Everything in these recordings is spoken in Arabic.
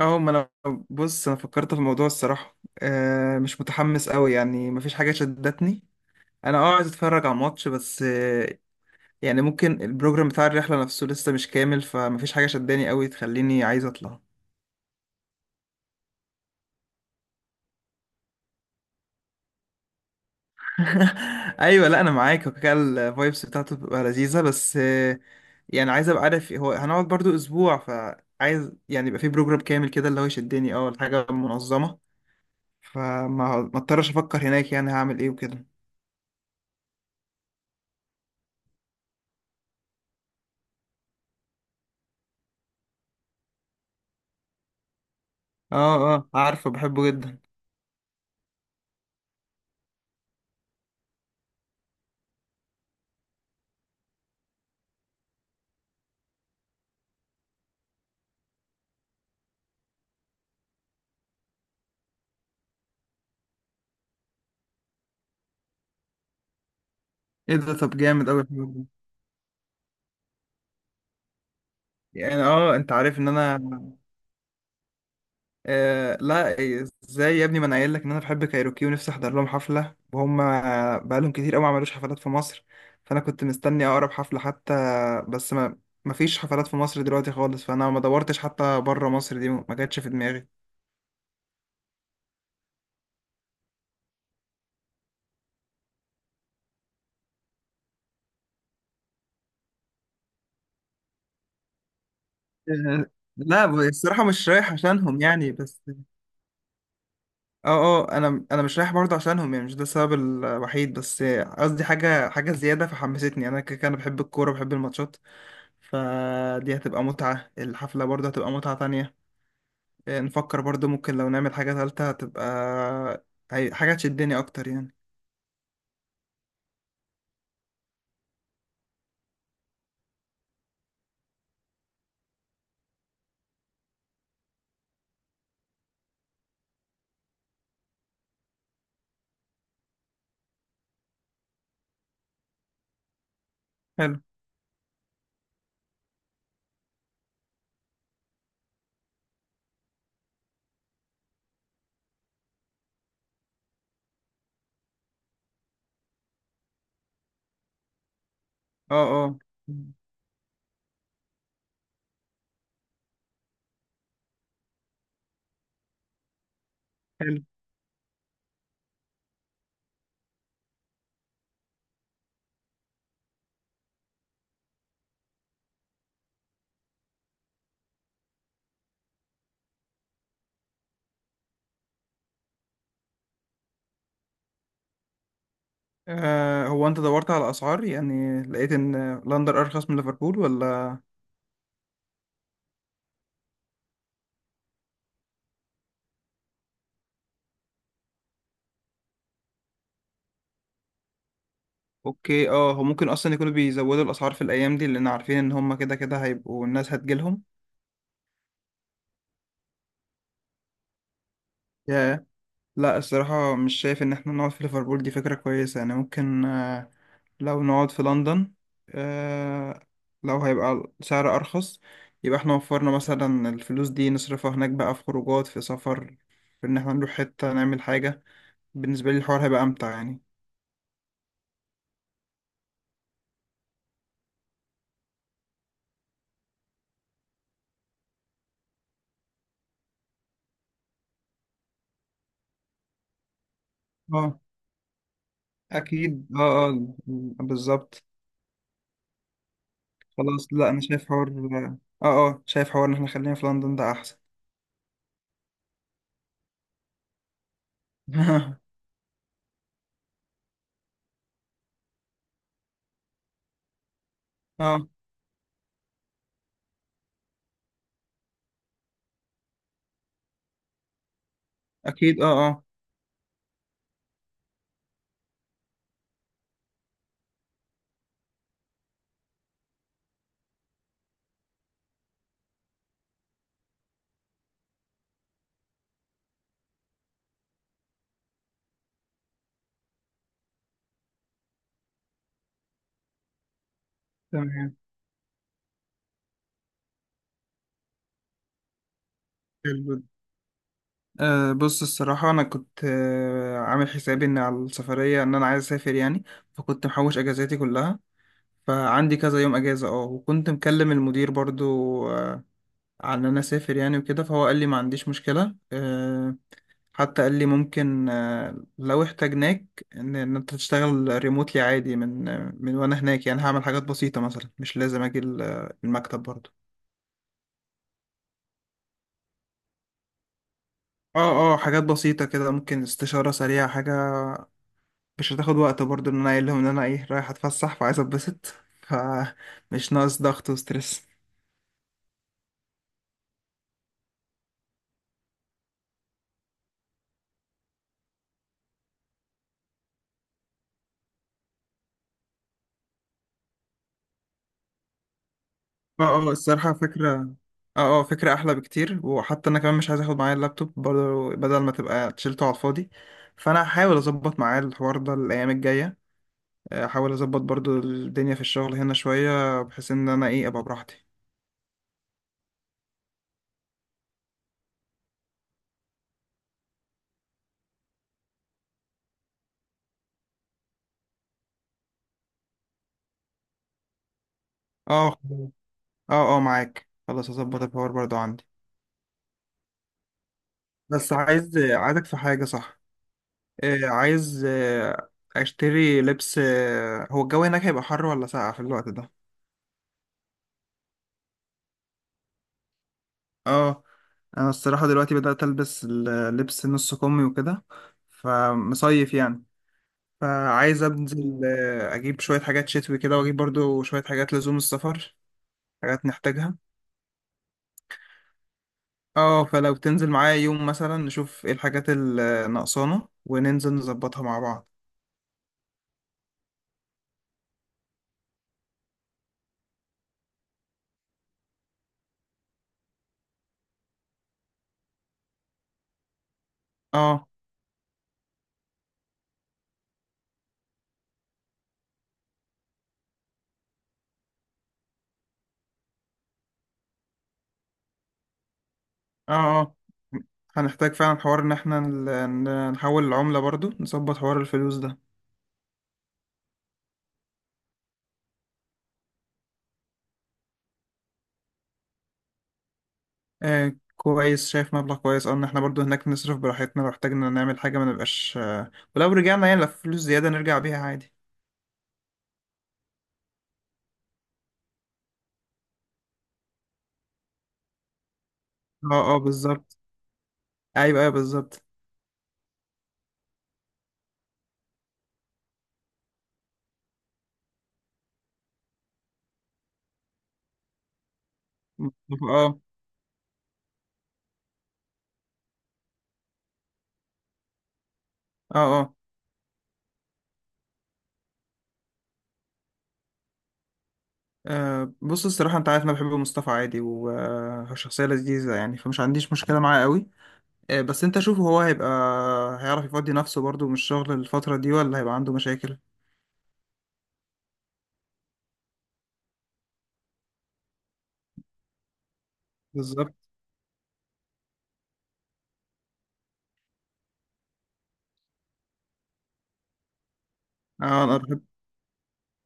اه، ما انا بص، انا فكرت في الموضوع الصراحه، مش متحمس قوي، يعني مفيش حاجه شدتني. انا، عايز اتفرج على الماتش بس. يعني ممكن البروجرام بتاع الرحله نفسه لسه مش كامل، فمفيش حاجه شداني قوي تخليني عايز اطلع. ايوه، لا، انا معاك، وكده الفايبس بتاعته بتبقى لذيذه، بس يعني عايز ابقى عارف هو هنقعد برضو اسبوع، فعايز يعني يبقى في بروجرام كامل كده اللي هو يشدني، الحاجه منظمه، فما ما اضطرش افكر هناك يعني هعمل ايه وكده. اه اه، عارفه، بحبه جدا. ايه ده؟ طب جامد اوي الحوار ده. يعني، انت عارف ان انا... لا، إيه، ازاي يا ابني؟ ما انا قايل لك ان انا بحب كايروكي ونفسي احضر لهم حفله، وهم بقالهم كتير قوي ما عملوش حفلات في مصر، فانا كنت مستني اقرب حفله حتى. بس ما ما فيش حفلات في مصر دلوقتي خالص، فانا ما دورتش، حتى بره مصر دي ما جاتش في دماغي. آه، لا، الصراحه مش رايح عشانهم يعني، بس... اه اه، انا مش رايح برضه عشانهم يعني، مش ده السبب الوحيد، بس قصدي حاجه زياده فحمستني يعني. انا كده كده انا بحب الكوره، بحب الماتشات، فدي هتبقى متعه، الحفله برضه هتبقى متعه تانية. نفكر برضه ممكن لو نعمل حاجه ثالثه هتبقى حاجه تشدني اكتر يعني. حلو، اه اه، حلو. هو انت دورت على اسعار؟ يعني لقيت ان لندن ارخص من ليفربول ولا؟ اوكي، هو ممكن اصلا يكونوا بيزودوا الاسعار في الايام دي، لان عارفين ان هم كده كده هيبقوا، الناس هتجيلهم. لا، الصراحة مش شايف إن إحنا نقعد في ليفربول دي فكرة كويسة، يعني ممكن لو نقعد في لندن آه، لو هيبقى سعر أرخص، يبقى إحنا وفرنا مثلا الفلوس دي، نصرفها هناك بقى في خروجات، في سفر، في إن إحنا نروح حتة نعمل حاجة. بالنسبة لي الحوار هيبقى أمتع يعني. اه، أكيد، اه اه، بالظبط. خلاص، لا، أنا شايف حوار. اه شايف حوار إن إحنا خلينا في لندن ده أحسن. اه، أكيد، اه اه، تمام. بص، الصراحة أنا كنت عامل حسابي إن على السفرية إن أنا عايز أسافر يعني، فكنت محوش أجازاتي كلها، فعندي كذا يوم أجازة. وكنت مكلم المدير برضو، أه على إن أنا أسافر يعني وكده، فهو قال لي ما عنديش مشكلة. حتى قال لي ممكن، لو احتاجناك، إن أنت تشتغل ريموتلي عادي، من وأنا هناك يعني، هعمل حاجات بسيطة مثلا، مش لازم أجي المكتب برضو. اه اه، حاجات بسيطة كده، ممكن استشارة سريعة، حاجة مش هتاخد وقت برضو، ان انا قايل لهم ان انا رايح اتفسح، فعايز اتبسط، فمش ناقص ضغط وستريس. اه اه، الصراحة فكرة. اه اه، فكرة احلى بكتير. وحتى انا كمان مش عايز اخد معايا اللابتوب برضو، بدل ما تبقى شيلته على الفاضي، فانا هحاول اظبط معايا الحوار ده الايام الجاية، احاول اظبط برضو الدنيا في الشغل هنا شوية، بحيث ان انا ابقى براحتي. اه، خلاص. اه اه، معاك، خلاص هظبط الحوار برضو عندي. بس عايزك في حاجة، صح؟ عايز اشتري لبس. هو الجو هناك هيبقى حر ولا ساقع في الوقت ده؟ اه، انا الصراحة دلوقتي بدأت البس اللبس نص كمي وكده، فمصيف يعني، فعايز انزل اجيب شوية حاجات شتوي كده، واجيب برضو شوية حاجات لزوم السفر، حاجات نحتاجها. اه، فلو تنزل معايا يوم مثلا، نشوف ايه الحاجات اللي ناقصانا، وننزل نظبطها مع بعض. اه اه اه، هنحتاج فعلا حوار ان احنا نحول العملة برضو، نظبط حوار الفلوس ده. كويس، شايف مبلغ كويس، اه، ان احنا برضو هناك نصرف براحتنا لو احتاجنا نعمل حاجة ما نبقاش. ولو رجعنا يعني، لو في فلوس زيادة نرجع بيها عادي. اه اه، بالظبط، ايوه ايوه، بالظبط. مصطفى، اه اه اه. بص، الصراحة انت عارف انا بحب مصطفى عادي، وهو شخصية لذيذة يعني، فمش عنديش مشكلة معاه قوي. بس انت شوف، هو هيبقى هيعرف يفضي نفسه برضو من الشغل الفترة دي، ولا هيبقى عنده مشاكل؟ بالظبط. اه، انا بحب،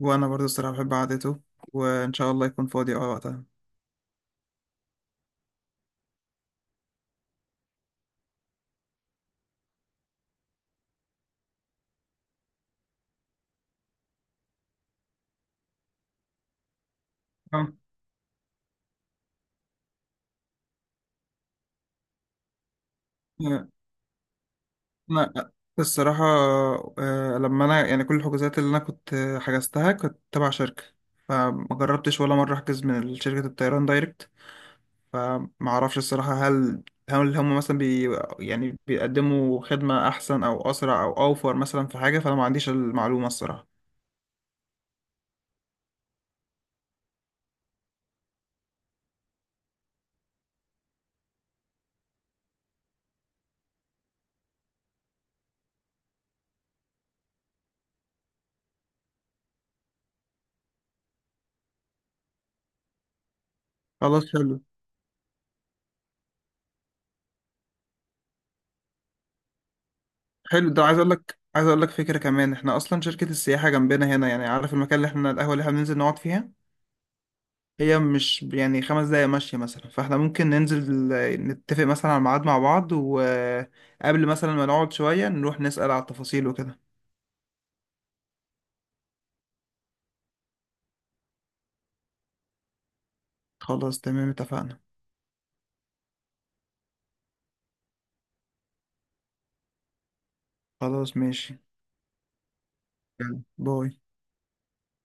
وانا برضه الصراحه بحب قعدته، وان شاء الله يكون فاضي وقتها. اه، انا الصراحه، لما انا يعني كل الحجوزات اللي انا كنت حجزتها كنت تبع شركه، فما جربتش ولا مره احجز من شركه الطيران دايركت، فما اعرفش الصراحه هل هم مثلا يعني بيقدموا خدمه احسن او اسرع او اوفر مثلا في حاجه؟ فانا ما عنديش المعلومه الصراحه. خلاص، حلو. حلو، ده عايز اقول لك فكره كمان. احنا اصلا شركه السياحه جنبنا هنا يعني، عارف المكان، اللي احنا القهوه اللي احنا بننزل نقعد فيها، هي مش يعني 5 دقايق ماشيه مثلا. فاحنا ممكن ننزل نتفق مثلا على ميعاد مع بعض، وقبل مثلا ما نقعد شويه نروح نسال على التفاصيل وكده. خلاص، تمام، اتفقنا. خلاص، ماشي. يلا، باي.